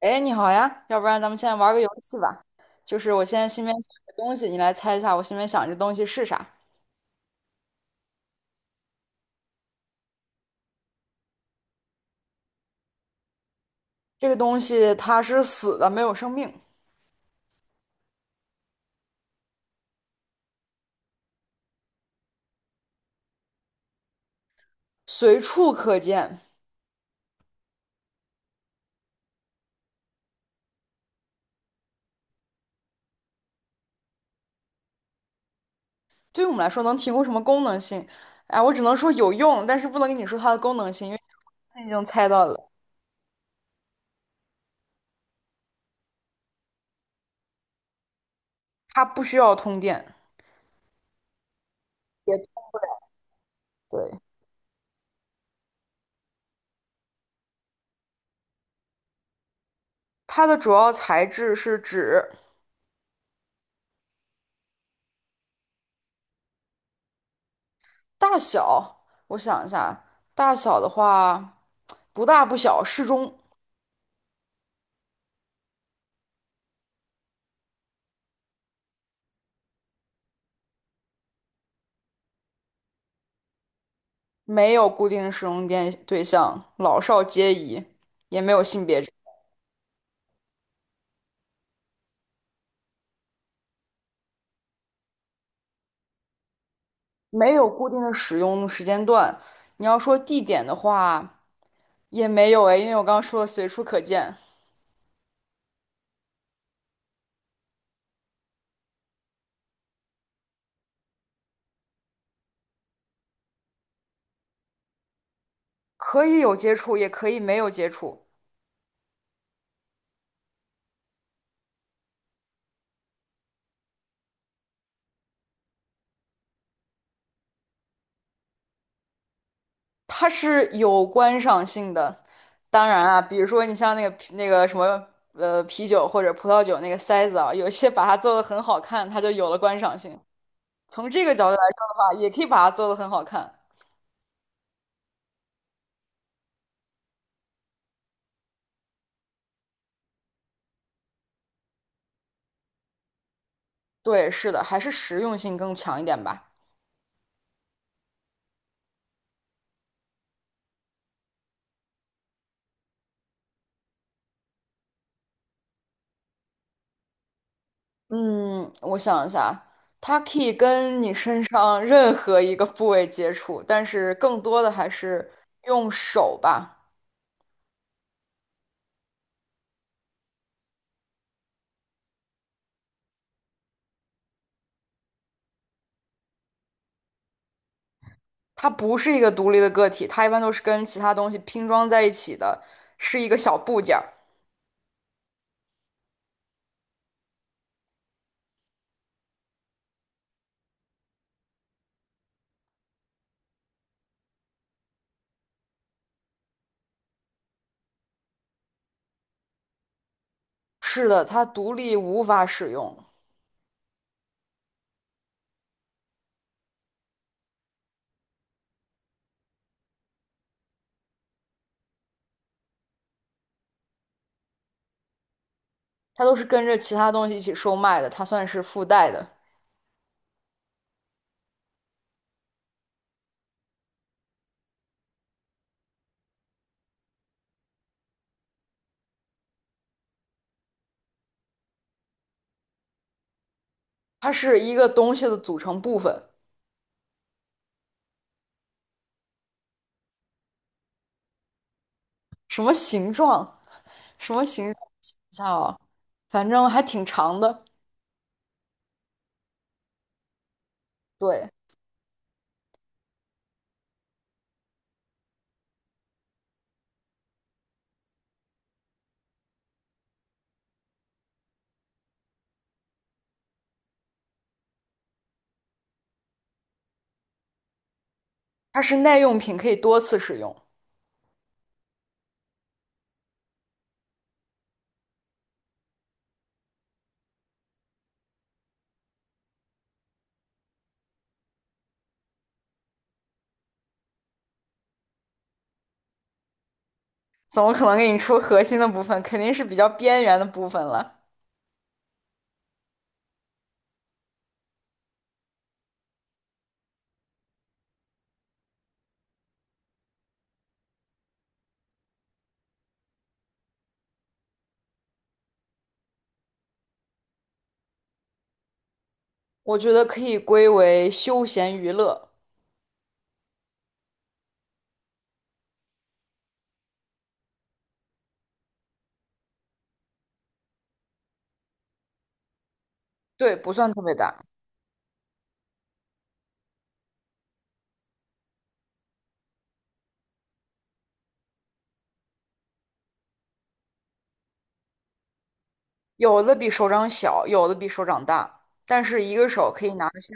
哎，你好呀，要不然咱们现在玩个游戏吧。就是我现在心里面想一个东西，你来猜一下我心里面想这东西是啥。这个东西它是死的，没有生命，随处可见。对于我们来说，能提供什么功能性？哎，我只能说有用，但是不能跟你说它的功能性，因为你已经猜到了，它不需要通电。也对，它的主要材质是纸，大小，我想一下，大小的话，不大不小，适中。没有固定的使用电对象，老少皆宜，也没有性别制没有固定的使用时间段。你要说地点的话，也没有诶，因为我刚刚说了随处可见，可以有接触，也可以没有接触，它是有观赏性的。当然啊，比如说你像那个啤那个什么呃啤酒或者葡萄酒那个塞子啊，有些把它做的很好看，它就有了观赏性。从这个角度来说的话，也可以把它做的很好看。对，是的，还是实用性更强一点吧。嗯，我想一下啊，它可以跟你身上任何一个部位接触，但是更多的还是用手吧。它不是一个独立的个体，它一般都是跟其他东西拼装在一起的，是一个小部件儿。是的，它独立无法使用，它都是跟着其他东西一起售卖的，它算是附带的，它是一个东西的组成部分，什么形状？什么形象？想一下啊，反正还挺长的。对，它是耐用品，可以多次使用。怎么可能给你出核心的部分？肯定是比较边缘的部分了。我觉得可以归为休闲娱乐。对，不算特别大，有的比手掌小，有的比手掌大，但是一个手可以拿得起。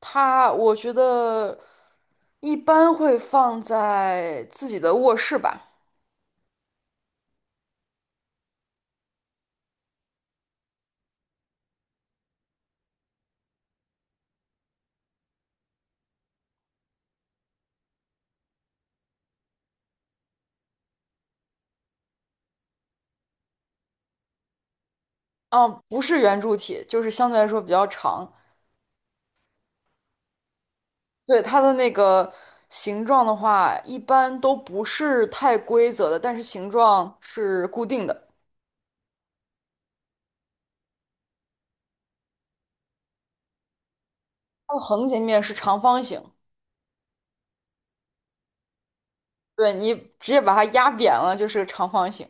它，我觉得一般会放在自己的卧室吧。嗯，不是圆柱体，就是相对来说比较长。对，它的那个形状的话，一般都不是太规则的，但是形状是固定的。它的横截面是长方形，对，你直接把它压扁了就是个长方形，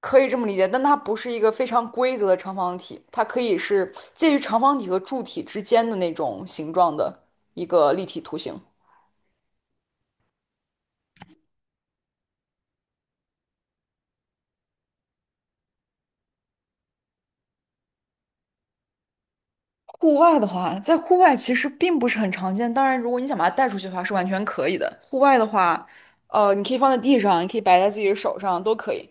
可以这么理解。但它不是一个非常规则的长方体，它可以是介于长方体和柱体之间的那种形状的一个立体图形。户外的话，在户外其实并不是很常见。当然，如果你想把它带出去的话，是完全可以的。户外的话，你可以放在地上，你可以摆在自己的手上，都可以。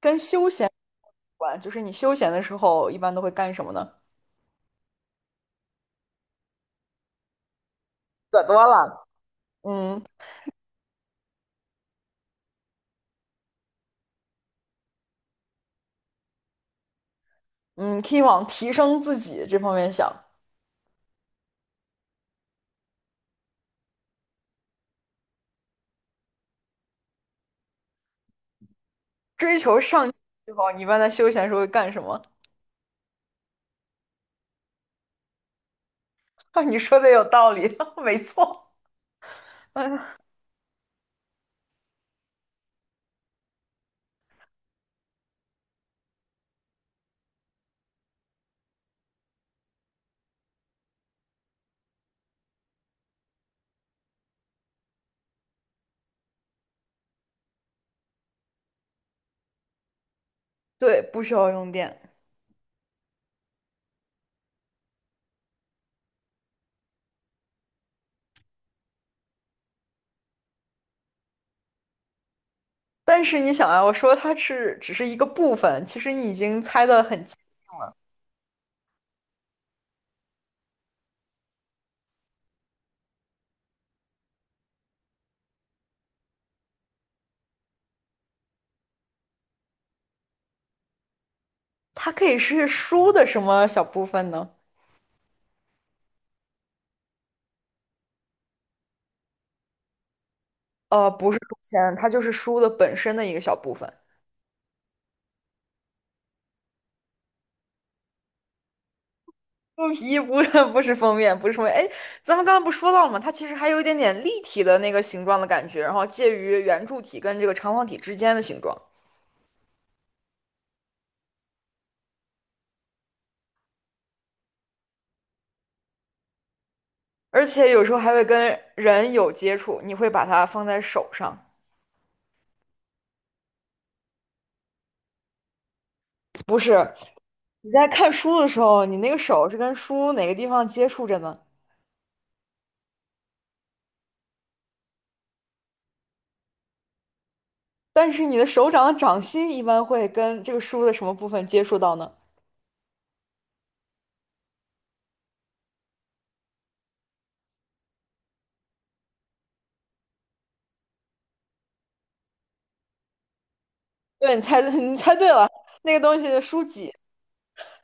跟休闲有关，就是你休闲的时候一般都会干什么呢？可多了，嗯嗯，可以往提升自己这方面想，追求上进这方面你一般在休闲的时候会干什么？啊，你说的有道理，没错。嗯，对，不需要用电。但是你想啊，我说它是只是一个部分，其实你已经猜得很。它可以是书的什么小部分呢？不是书签，它就是书的本身的一个小部分。书皮不是封面，不是封面。哎，咱们刚刚不说到了吗？它其实还有一点点立体的那个形状的感觉，然后介于圆柱体跟这个长方体之间的形状，而且有时候还会跟人有接触。你会把它放在手上，不是？你在看书的时候，你那个手是跟书哪个地方接触着呢？但是你的手掌的掌心一般会跟这个书的什么部分接触到呢？对，你猜 你猜对了，那个东西是书籍。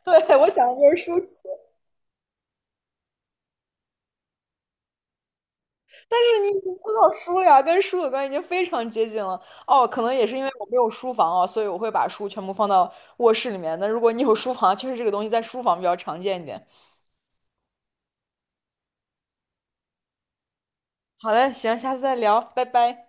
对，我想的就是书籍，但是你已经抽到书了呀，跟书有关，已经非常接近了。哦，可能也是因为我没有书房哦，所以我会把书全部放到卧室里面。那如果你有书房，确实这个东西在书房比较常见一点。好嘞，行，下次再聊，拜拜。